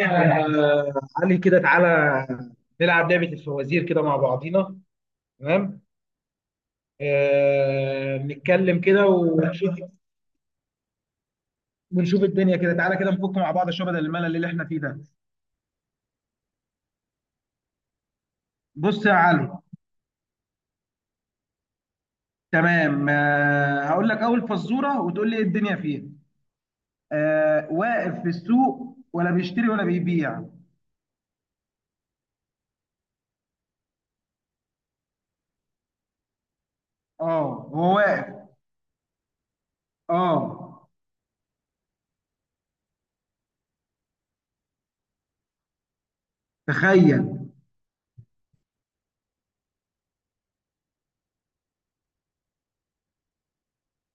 علي، كده تعالى نلعب لعبة الفوازير كده مع بعضينا. تمام. نتكلم كده ونشوف الدنيا كده. تعالى كده نفك مع بعض شوية بدل الملل اللي احنا فيه ده. بص يا علي. تمام، هقول لك أول فزورة وتقول لي ايه الدنيا فيها. واقف في السوق ولا بيشتري ولا بيبيع. اه هو واقف. اه. تخيل.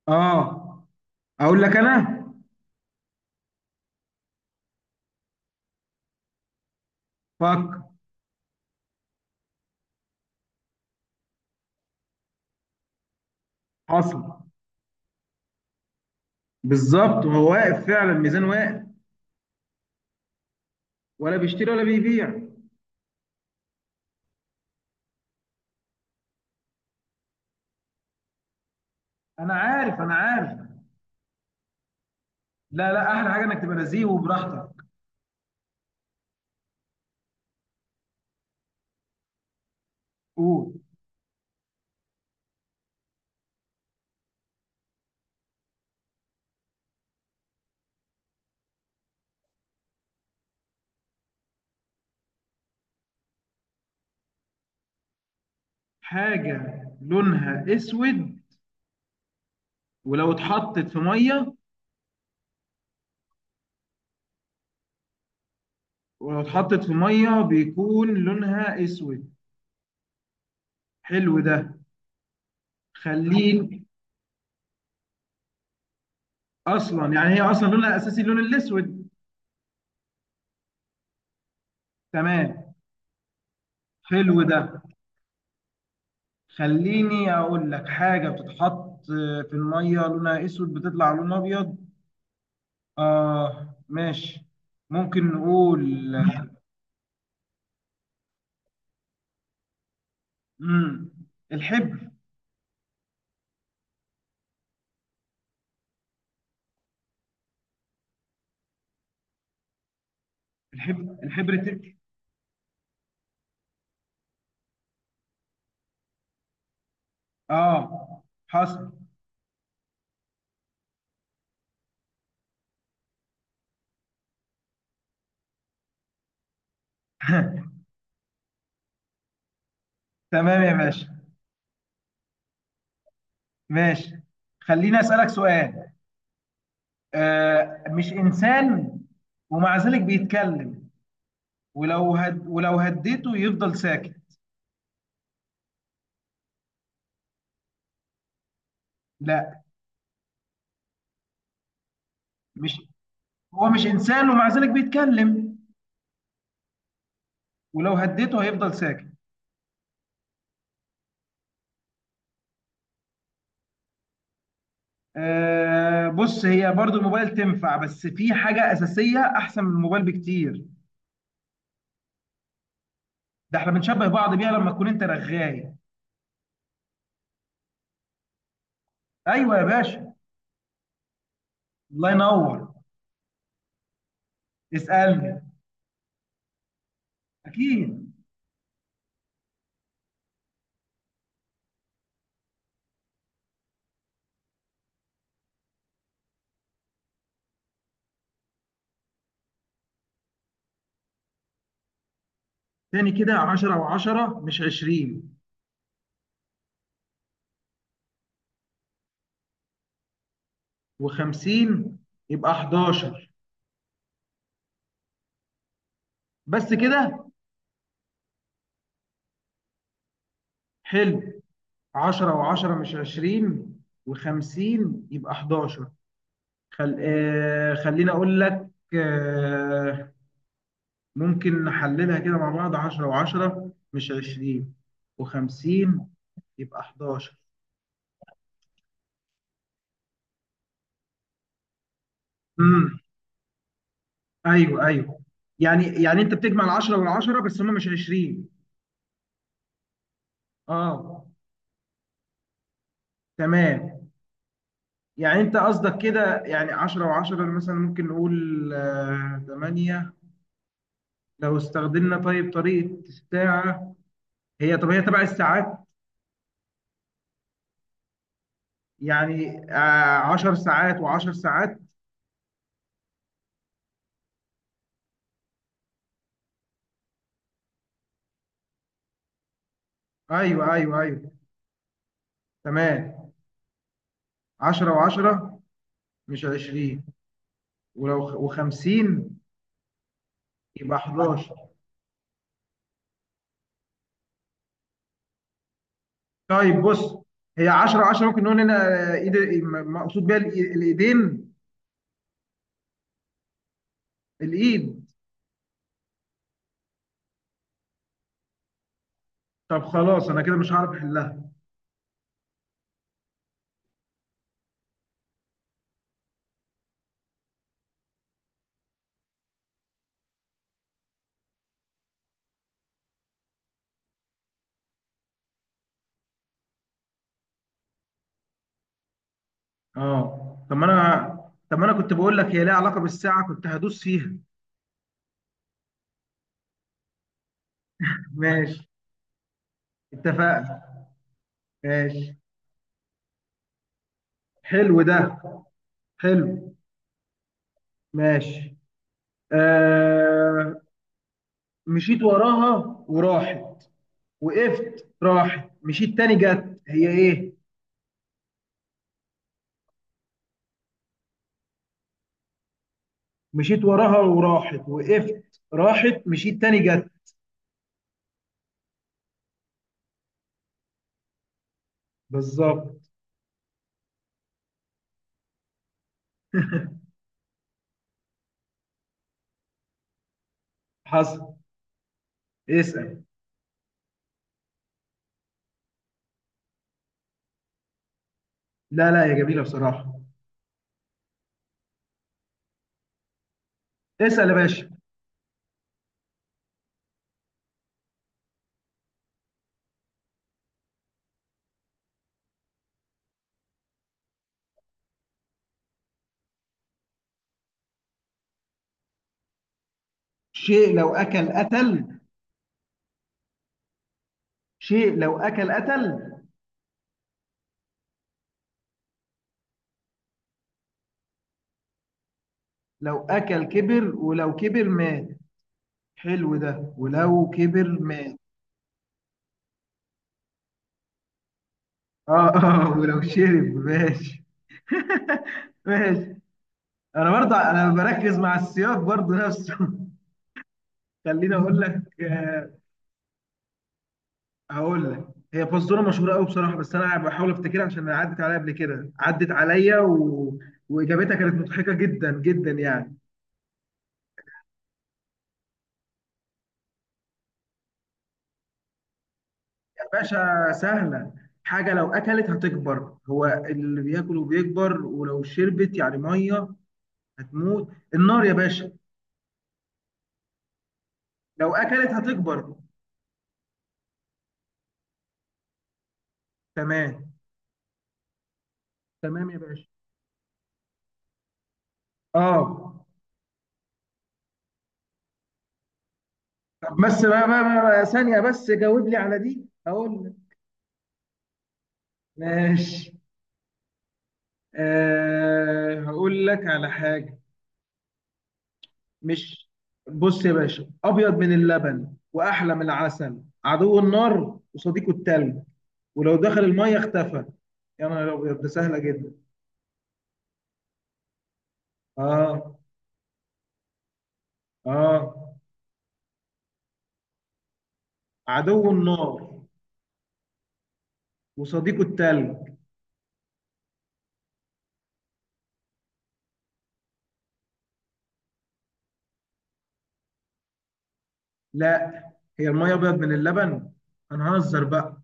اه. اقول لك انا. فك. حصل. بالظبط، وهو واقف فعلا، ميزان واقف ولا بيشتري ولا بيبيع. انا عارف، انا عارف. لا لا، احلى حاجه انك تبقى نزيه وبراحتك. قول. حاجه لونها اسود ولو اتحطت في ميه. ولو اتحطت في ميه بيكون لونها اسود؟ حلو ده. خليه. اصلا يعني هي اصلا لونها الاساسي اللون الاسود. تمام. حلو ده. خليني اقول لك حاجه بتتحط في الميه لونها اسود بتطلع لون ابيض. آه ماشي. ممكن نقول مم. الحبر. الحبر تك. اه حصل. تمام يا باشا. ماشي. خليني أسألك سؤال. مش إنسان ومع ذلك بيتكلم. ولو هديته يفضل ساكت. لا. مش هو مش إنسان ومع ذلك بيتكلم ولو هديته هيفضل ساكت. بص، هي برضو الموبايل تنفع بس في حاجة أساسية أحسن من الموبايل بكتير. ده احنا بنشبه بعض بيها لما تكون انت رغاي. ايوه يا باشا. الله ينور. اسالني. اكيد. تاني كده، 10 و10 مش 20، و50 يبقى 11. بس كده. حلو. 10 و10 مش 20، و50 يبقى 11. خليني اقول لك. آه... ممكن نحللها كده مع بعض. 10 و10 مش 20، و50 يبقى 11. ايوه ايوه. يعني انت بتجمع العشرة والعشرة بس هم مش 20. اه. تمام. يعني انت قصدك كده، يعني 10 و10 مثلا ممكن نقول 8 لو استخدمنا طيب طريقة الساعة. هي، طب هي تبع الساعات. يعني 10 ساعات و10 ساعات. ايوه ايوه ايوه. تمام. 10 و10 مش 20، و50 يبقى 11. طيب بص، هي 10 10 ممكن نقول هنا ايد. مقصود بيها الايدين. الايد. طب خلاص، انا كده مش هعرف احلها. اه. طب ما انا كنت بقول لك هي ليها علاقه بالساعه، كنت هدوس فيها. ماشي. اتفقنا. ماشي. حلو ده. حلو. ماشي. آه. مشيت وراها وراحت، وقفت راحت، مشيت تاني جت. هي ايه؟ مشيت وراها وراحت، وقفت راحت، مشيت تاني جت. بالظبط. حصل. اسأل. لا لا يا جميلة، بصراحة. اسأل يا باشا. شيء لو أكل قتل. شيء لو أكل قتل. لو أكل كبر، ولو كبر مات. حلو ده، ولو كبر مات. اه اه. ولو شرب. ماشي. ماشي انا برضه بركز مع السياق برضه نفسه. خليني اقول لك. هقول لك. هي فزوره مشهوره قوي بصراحه، بس انا بحاول افتكرها عشان عدت عليا قبل كده، عدت عليا، و... واجابتها كانت مضحكه جدا جدا يعني. يا باشا سهله. حاجه لو اكلت هتكبر، هو اللي بياكل وبيكبر، ولو شربت يعني ميه هتموت. النار يا باشا. لو اكلت هتكبر. تمام. تمام يا باشا. اه. طب بس، بقى ثانيه بس جاوب لي على دي هقول لك. ماشي. هقول لك على حاجه. مش بص يا باشا، ابيض من اللبن واحلى من العسل، عدو النار وصديقه التلج، ولو دخل الميه اختفى. يا نهار ابيض ده سهله جدا. اه اه. عدو النار وصديقه التلج. لا، هي الميه ابيض من اللبن؟ هنهزر بقى؟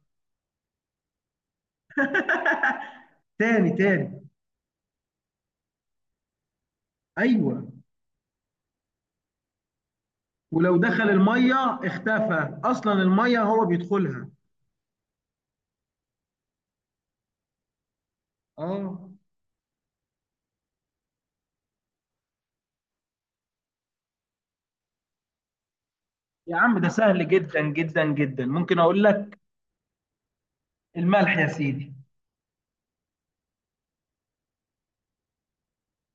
تاني تاني. ايوه. ولو دخل الميه اختفى، اصلا الميه هو بيدخلها. اه. يا عم ده سهل جدا جدا جدا. ممكن اقول لك. الملح يا سيدي.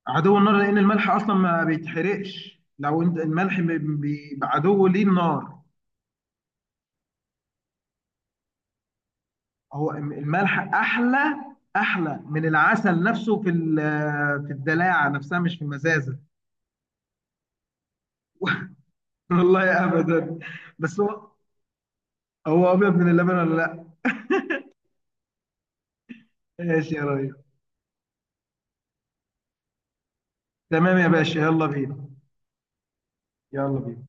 عدو النار لان الملح اصلا ما بيتحرقش، لو انت الملح بيبقى عدو ليه النار. هو الملح احلى من العسل نفسه في الدلاعه نفسها مش في المزازه. والله ابدا. بس هو ابيض من اللبن ولا لا؟ ماشي يا ريس. تمام يا باشا. يلا بينا. يلا بينا.